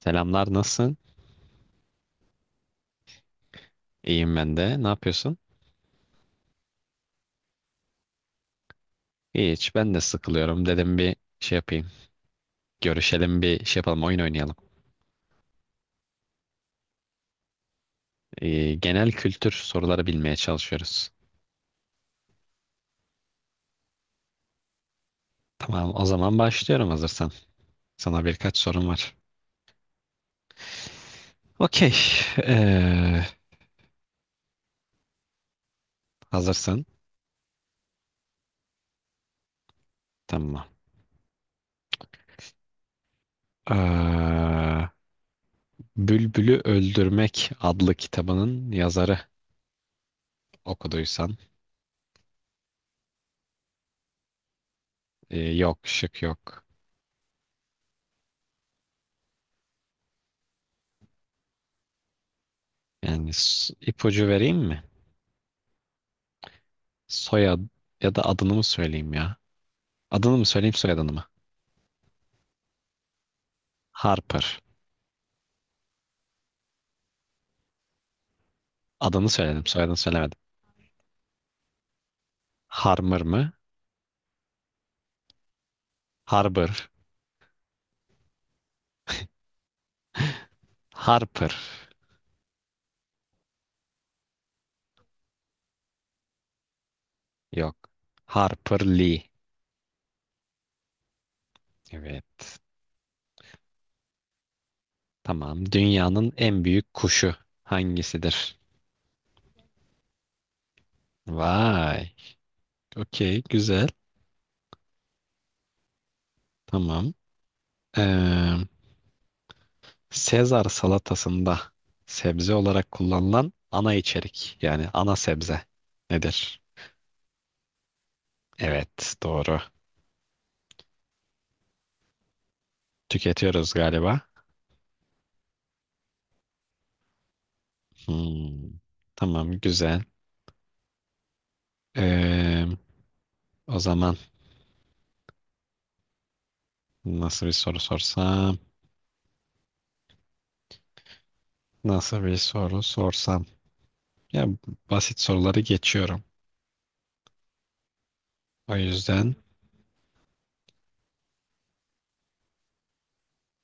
Selamlar, nasılsın? İyiyim ben de. Ne yapıyorsun? Hiç, ben de sıkılıyorum. Dedim bir şey yapayım. Görüşelim, bir şey yapalım, oyun oynayalım. Genel kültür soruları bilmeye çalışıyoruz. Tamam, o zaman başlıyorum hazırsan. Sana birkaç sorum var. Okey. Ee, hazırsın. Tamam. Ee, Bülbül'ü Öldürmek adlı kitabının yazarı okuduysan. Yok, şık yok. Yani ipucu vereyim mi? Soyad ya da adını mı söyleyeyim ya? Adını mı söyleyeyim soyadını mı? Harper. Adını söyledim soyadını söylemedim. Harmer mı? Harper. Harper. Yok. Harper Lee. Evet. Tamam. Dünyanın en büyük kuşu hangisidir? Vay. Okey. Güzel. Tamam. Ee, Sezar salatasında sebze olarak kullanılan ana içerik. Yani ana sebze nedir? Evet. Doğru. Tüketiyoruz galiba. Hmm. Tamam. Güzel. Ee, O zaman nasıl bir soru sorsam? Nasıl bir soru sorsam? Ya basit soruları geçiyorum. O yüzden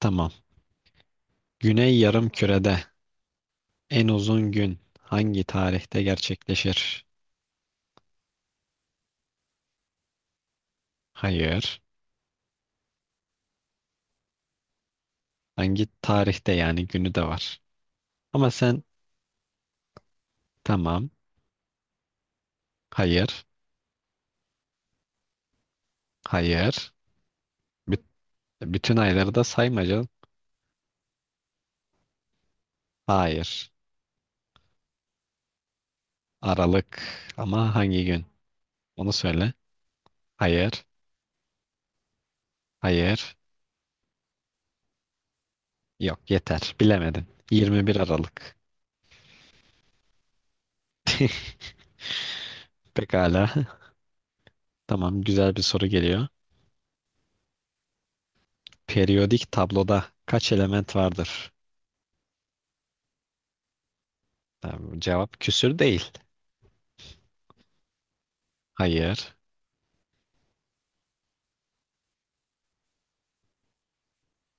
tamam. Güney Yarımküre'de en uzun gün hangi tarihte gerçekleşir? Hayır. Hangi tarihte yani günü de var. Ama sen tamam. Hayır. Hayır. Büt- bütün ayları da sayma canım. Hayır. Aralık ama hangi gün? Onu söyle. Hayır. Hayır. Yok yeter. Bilemedin. 21 Aralık. Pekala. Tamam, güzel bir soru geliyor. Periyodik tabloda kaç element vardır? Tamam, cevap küsür değil. Hayır,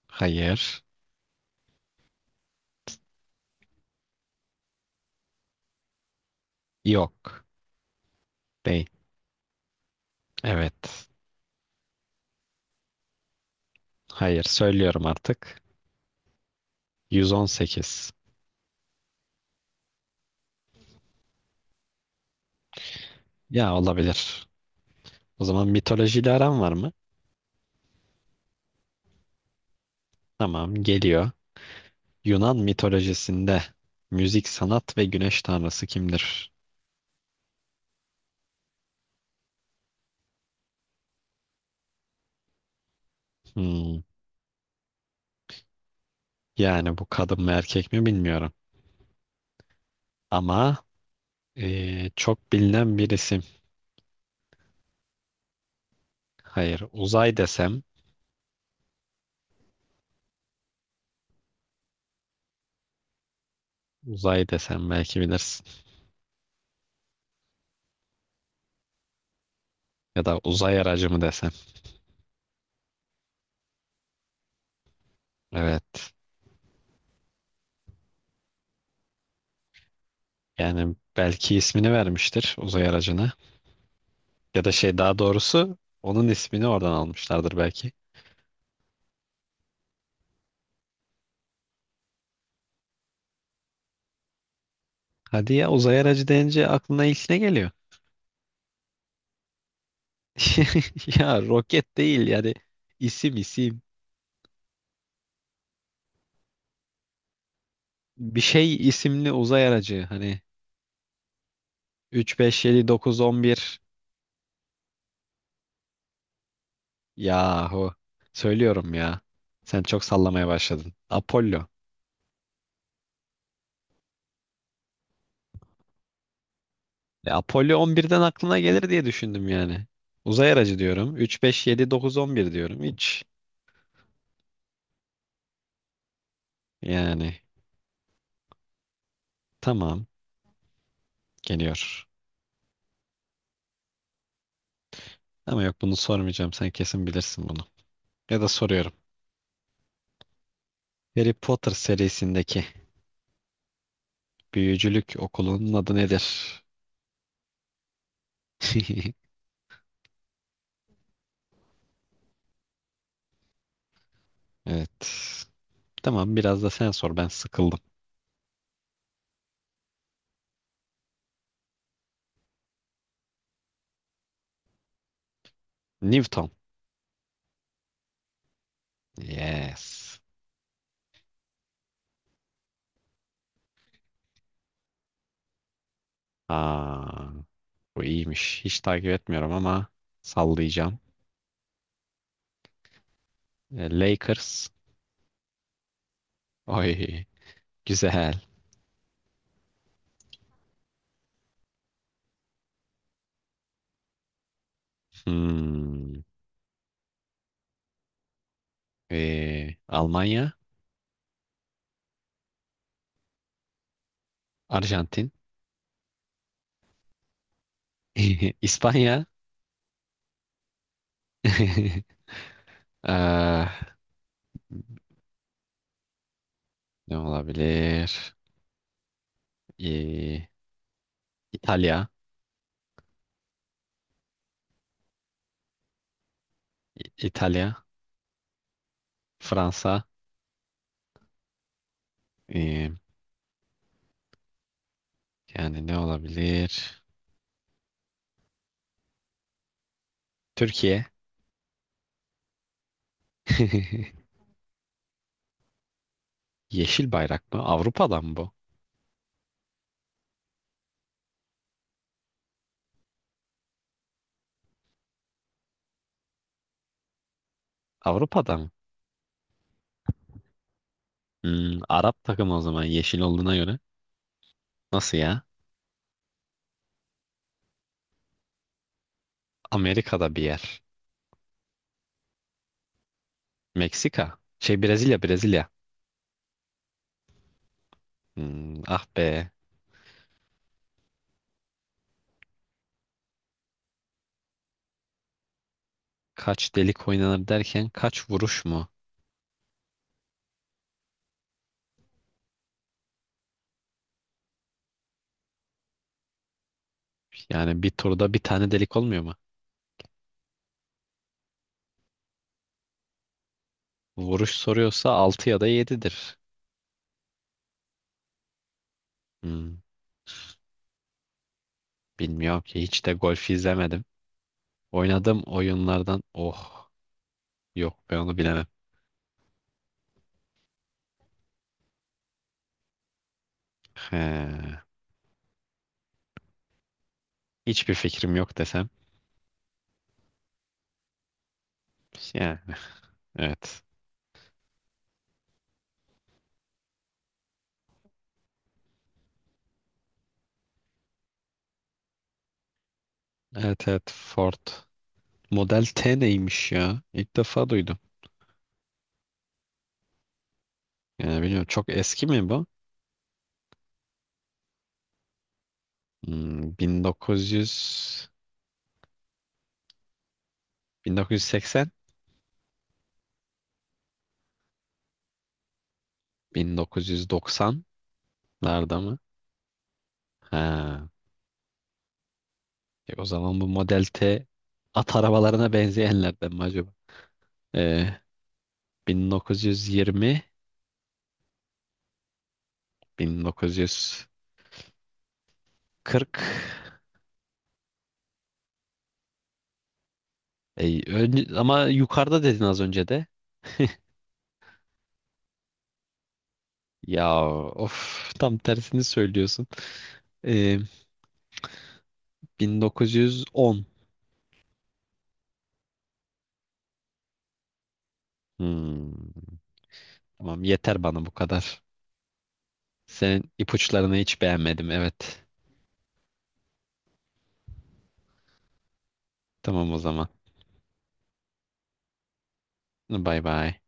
hayır, yok. Değil. Evet. Hayır, söylüyorum artık. 118. Ya olabilir. O zaman mitolojiyle aran var mı? Tamam, geliyor. Yunan mitolojisinde müzik, sanat ve güneş tanrısı kimdir? Hmm, Yani bu kadın mı erkek mi bilmiyorum. Ama çok bilinen birisi. Hayır, uzay desem belki bilirsin. Ya da uzay aracı mı desem. Evet. Yani belki ismini vermiştir uzay aracına. Ya da şey daha doğrusu onun ismini oradan almışlardır belki. Hadi ya uzay aracı deyince aklına ilk ne geliyor? Ya roket değil yani isim isim. Bir şey isimli uzay aracı hani 3 5 7 9 11 yahu söylüyorum ya. Sen çok sallamaya başladın. Apollo. Apollo 11'den aklına gelir diye düşündüm yani. Uzay aracı diyorum. 3, 5, 7, 9, 11 diyorum. Hiç. Yani tamam geliyor. Ama yok bunu sormayacağım. Sen kesin bilirsin bunu. Ya da soruyorum. Harry Potter serisindeki büyücülük okulunun adı nedir? Evet. Tamam biraz da sen sor. Ben sıkıldım. Newton. Yes. Aa, bu iyiymiş. Hiç takip etmiyorum ama sallayacağım. Lakers. Oy. Güzel. Hmm. Almanya, Arjantin, İspanya, Ah, ne olabilir? Ee, İtalya, İtalya, Fransa, ee, yani ne olabilir? Türkiye. Yeşil bayrak mı? Avrupa'dan mı bu? Avrupa'dan mı? Arap takımı o zaman yeşil olduğuna göre. Nasıl ya? Amerika'da bir yer. Meksika. Brezilya, Brezilya. Hmm, ah be. Kaç delik oynanır derken kaç vuruş mu? Yani bir turda bir tane delik olmuyor mu? Vuruş soruyorsa 6 ya da yedidir. Hmm, bilmiyorum ki hiç de golf izlemedim. Oynadığım oyunlardan oh yok ben onu bilemem. He, hiçbir fikrim yok desem. Yani evet. Evet evet Ford. Model T neymiş ya? İlk defa duydum. Yani bilmiyorum çok eski mi bu? 1900 1980 1990'larda mı? Ha. O zaman bu Model T at arabalarına benzeyenlerden mi acaba? E, 1920, 1940. Ama yukarıda dedin az önce de. Ya of tam tersini söylüyorsun. E, 1910. Hmm. Tamam yeter bana bu kadar. Senin ipuçlarını hiç beğenmedim. Evet. Tamam o zaman. Bay bay.